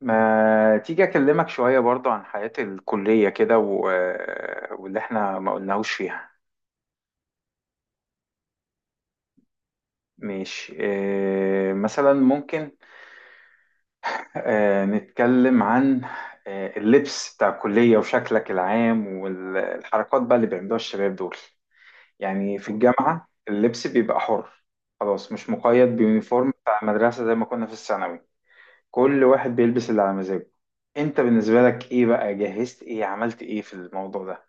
ما تيجي أكلمك شوية برضو عن حياة الكلية كده واللي احنا ما قلناهوش فيها. ماشي، مثلا ممكن اه نتكلم عن اه اللبس بتاع الكلية وشكلك العام والحركات بقى اللي بيعملوها الشباب دول. يعني في الجامعة اللبس بيبقى حر، خلاص مش مقيد بيونيفورم بتاع المدرسة زي ما كنا في الثانوي. كل واحد بيلبس اللي على مزاجه. انت بالنسبة لك ايه بقى، جهزت ايه، عملت ايه في الموضوع ده؟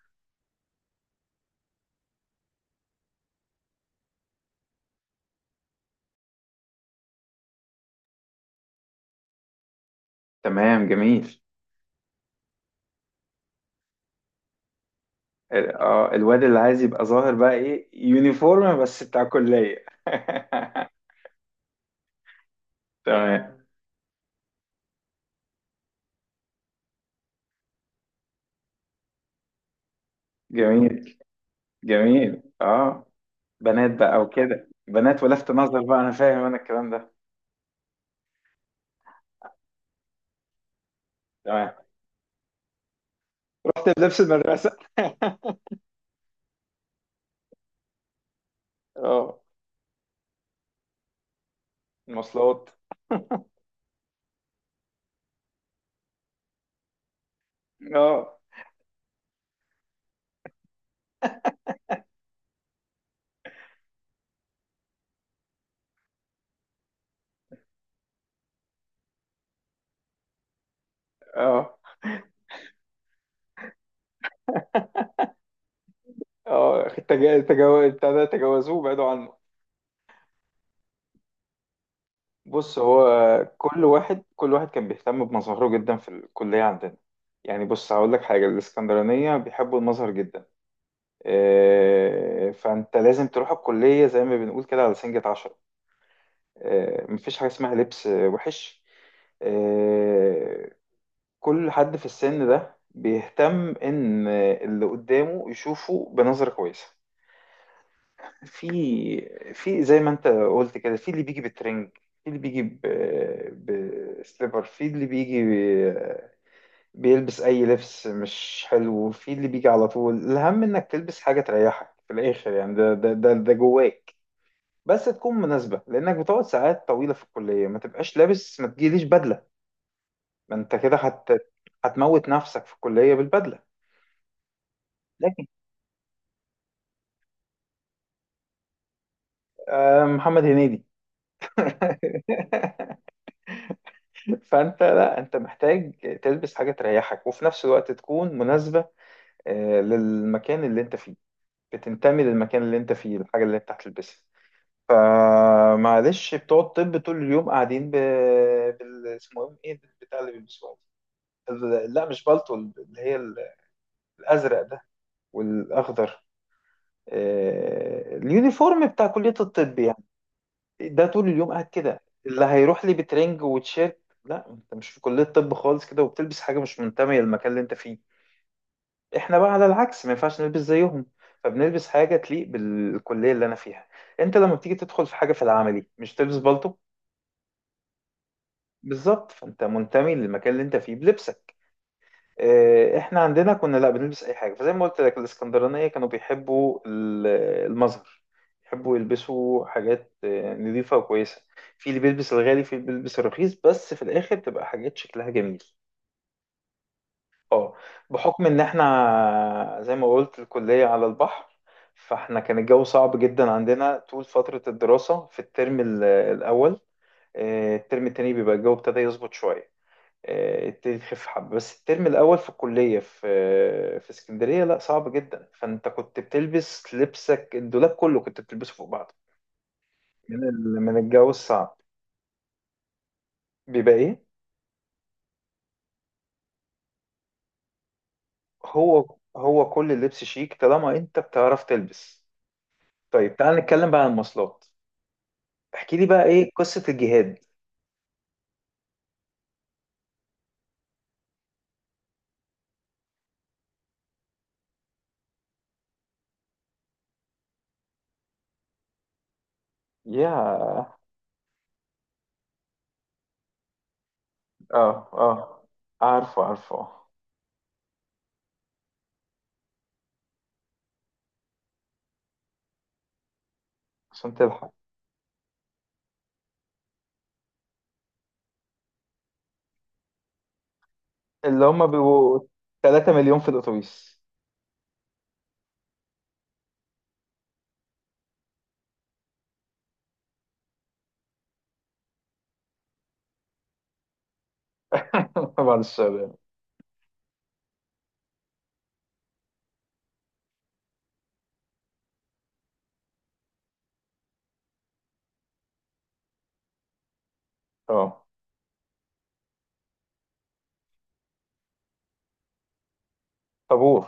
تمام، جميل. الواد اللي عايز يبقى ظاهر بقى ايه، يونيفورم بس بتاع كلية. تمام، جميل جميل. اه بنات بقى وكده، بنات ولفت نظر بقى، انا فاهم انا الكلام ده. تمام. لبس المدرسة. اه. المواصلات. اه. اه. بتاع ده تجاوزوه بعدوا عنه. بص هو، كل واحد كل واحد كان بيهتم بمظهره جدا في الكلية عندنا. يعني بص هقول لك حاجة، الإسكندرانية بيحبوا المظهر جدا. فانت لازم تروح الكلية زي ما بنقول كده على سنجة عشرة. مفيش حاجة اسمها لبس وحش. آه، كل حد في السن ده بيهتم ان اللي قدامه يشوفه بنظرة كويسة. في في زي ما انت قلت كده، في اللي بيجي بترنج، في اللي بيجي بسليبر، في اللي بيجي ب- بيلبس اي لبس مش حلو، في اللي بيجي على طول. الاهم انك تلبس حاجة تريحك في الاخر يعني، ده جواك. بس تكون مناسبة لأنك بتقعد ساعات طويلة في الكلية، ما تبقاش لابس، ما تجيليش بدلة. ما أنت كده هتموت نفسك في الكلية بالبدلة. لكن محمد هنيدي. فأنت، لا أنت محتاج تلبس حاجة تريحك وفي نفس الوقت تكون مناسبة للمكان اللي أنت فيه، بتنتمي للمكان اللي أنت فيه الحاجة اللي أنت هتلبسها. فمعلش، بتوع الطب طول اليوم قاعدين اسمه إيه، إيه البتاع اللي بيلبسوها دي؟ لا مش بالطو، اللي هي الازرق ده والاخضر. اليونيفورم بتاع كلية الطب يعني. ده طول اليوم قاعد كده، اللي هيروح لي بترنج وتشيرت، لا انت مش في كلية طب خالص كده وبتلبس حاجة مش منتمية للمكان اللي انت فيه. احنا بقى على العكس ما ينفعش نلبس زيهم، فبنلبس حاجة تليق بالكلية اللي انا فيها. انت لما بتيجي تدخل في حاجة في العملي مش تلبس بالطو؟ بالظبط، فانت منتمي للمكان اللي انت فيه بلبسك. احنا عندنا كنا لا بنلبس اي حاجه، فزي ما قلت لك الاسكندرانيه كانوا بيحبوا المظهر. يحبوا يلبسوا حاجات نظيفه وكويسه. في اللي بيلبس الغالي، في اللي بيلبس الرخيص، بس في الاخر تبقى حاجات شكلها جميل. اه. بحكم ان احنا زي ما قلت الكليه على البحر، فاحنا كان الجو صعب جدا عندنا طول فتره الدراسه في الترم الاول. الترم التاني بيبقى الجو ابتدى يظبط شويه، يبتدي تخف حبة. بس الترم الأول في الكلية في اسكندرية لا، صعب جدا. فأنت كنت بتلبس لبسك، الدولاب كله كنت بتلبسه فوق بعض من الجو الصعب، بيبقى إيه. هو هو كل اللبس شيك طالما أنت بتعرف تلبس. طيب تعال نتكلم بقى عن المواصلات. احكي لي بقى إيه قصة الجهاد. يا. اه. اه. عارفه عارفه آه. عشان تلحق. اللي هم بيبقوا 3 مليون في الأتوبيس. بعد الشر يعني. اه. طابور.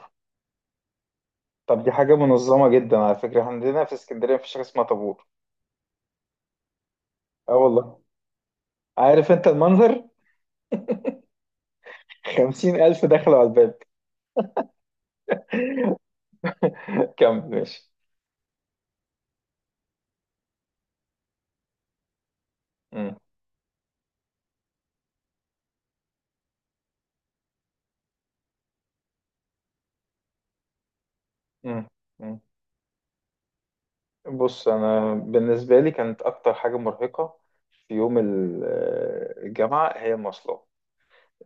طب دي حاجة منظمة جدا على فكرة، احنا عندنا في اسكندرية مفيش حاجة اسمها طابور. اه والله. عارف انت المنظر، خمسين ألف دخلوا على الباب. كمل ماشي. مم. مم. مم. بص أنا بالنسبة لي كانت أكتر حاجة مرهقة في يوم الجامعة، هي المواصلات.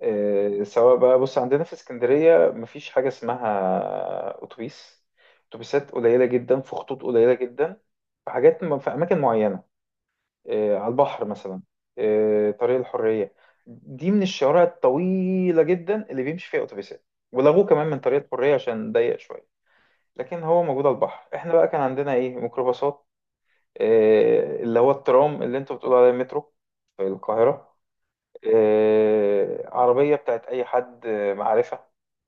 سواء بقى، بص عندنا في اسكندرية مفيش حاجة اسمها أتوبيس. أتوبيسات قليلة جدا، في خطوط قليلة جدا، في حاجات في أماكن معينة، على البحر مثلا. طريق الحرية، دي من الشوارع الطويلة جدا اللي بيمشي فيها أتوبيسات، ولغوه كمان من طريق الحرية عشان ضيق شوية. لكن هو موجود على البحر. احنا بقى كان عندنا ايه، ميكروباصات. اللي هو الترام، اللي انتوا بتقولوا عليه مترو في القاهرة. عربية بتاعت أي حد معرفة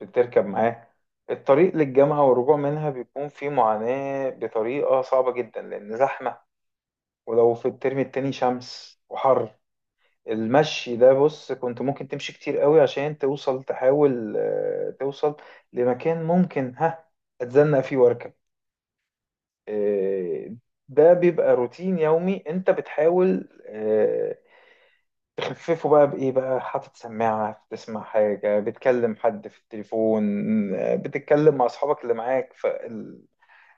بتركب معاه. الطريق للجامعة والرجوع منها بيكون فيه معاناة بطريقة صعبة جدا لأن زحمة. ولو في الترم التاني شمس وحر، المشي ده، بص، كنت ممكن تمشي كتير قوي عشان توصل، تحاول توصل لمكان ممكن ها اتزنق فيه واركب. آه، ده بيبقى روتين يومي، انت بتحاول تخففه بقى بإيه بقى، حاطط سماعة بتسمع حاجة، بتكلم حد في التليفون، بتتكلم مع أصحابك اللي معاك.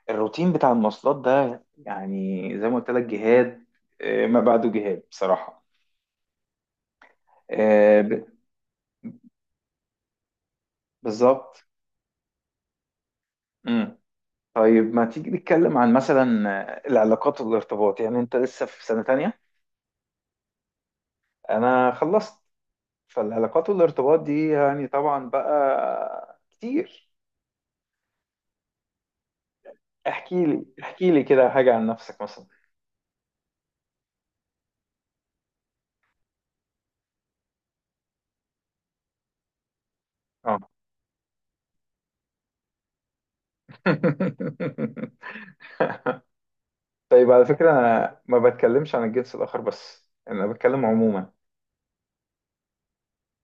فالروتين بتاع المواصلات ده يعني زي ما قلت لك، جهاد، ما بعده جهاد بصراحة. آه، ب- بالظبط. طيب ما تيجي نتكلم عن مثلا العلاقات والارتباط. يعني انت لسه في سنة تانية، انا خلصت. فالعلاقات والارتباط دي يعني طبعا بقى كتير. احكي لي احكي لي كده حاجة عن نفسك مثلا. اه. طيب على فكرة انا ما بتكلمش عن الجنس الاخر بس، انا بتكلم عموما.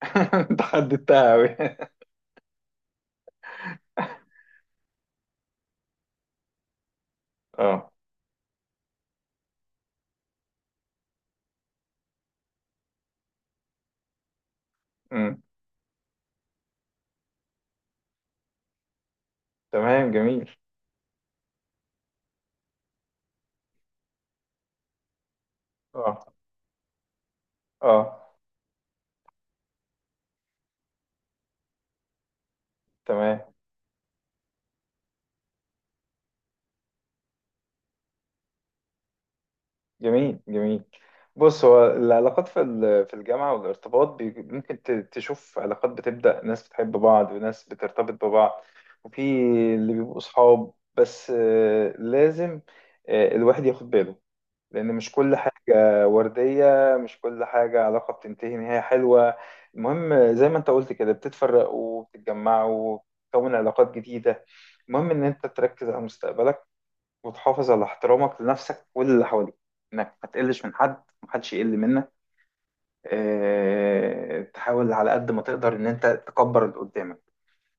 انت حددتها قوي. اه. أمم. تمام، جميل. اه. اه. تمام، جميل جميل. بص هو العلاقات في في الجامعة والارتباط ممكن تشوف علاقات بتبدأ، ناس بتحب بعض وناس بترتبط ببعض. وفي اللي بيبقوا صحاب بس. لازم الواحد ياخد باله، لأن مش كل حاجة وردية، مش كل حاجة علاقة بتنتهي نهاية حلوة. المهم زي ما انت قلت كده، بتتفرقوا وبتتجمعوا وبتكون علاقات جديدة. المهم ان انت تركز على مستقبلك، وتحافظ على احترامك لنفسك واللي حواليك، انك ما تقلش من حد، محدش يقل منك. اه، تحاول على قد ما تقدر ان انت تكبر اللي قدامك،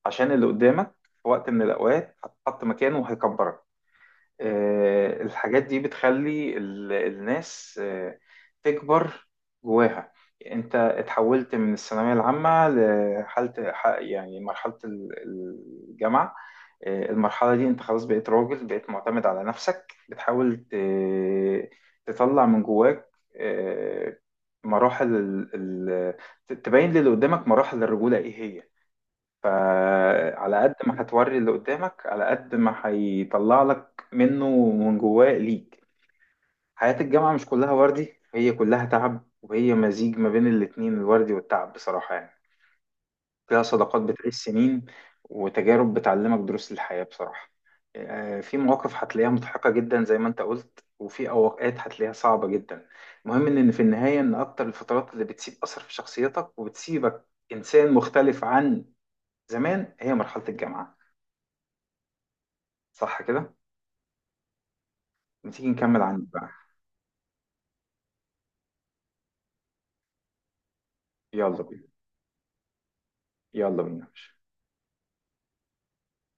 عشان اللي قدامك في وقت من الاوقات هتحط مكانه وهيكبرك. الحاجات دي بتخلي الناس تكبر جواها. انت اتحولت من الثانوية العامة لحالة يعني مرحلة الجامعة. المرحلة دي انت خلاص بقيت راجل، بقيت معتمد على نفسك، بتحاول تطلع من جواك. آه، مراحل تبين للي قدامك مراحل الرجولة ايه هي. فعلى قد ما هتوري اللي قدامك، على قد ما هيطلع لك منه من جواه ليك. حياة الجامعة مش كلها وردي، هي كلها تعب، وهي مزيج ما بين الاتنين، الوردي والتعب بصراحة يعني. فيها صداقات بتعيش سنين، وتجارب بتعلمك دروس الحياة بصراحة. في مواقف هتلاقيها مضحكة جدا زي ما انت قلت، وفي أوقات هتلاقيها صعبة جدا. المهم ان في النهاية، ان اكتر الفترات اللي بتسيب أثر في شخصيتك وبتسيبك إنسان مختلف عن زمان، هي مرحلة الجامعة. صح كده؟ ما تيجي نكمل عندي بقى. يلا بينا. يلا بينا.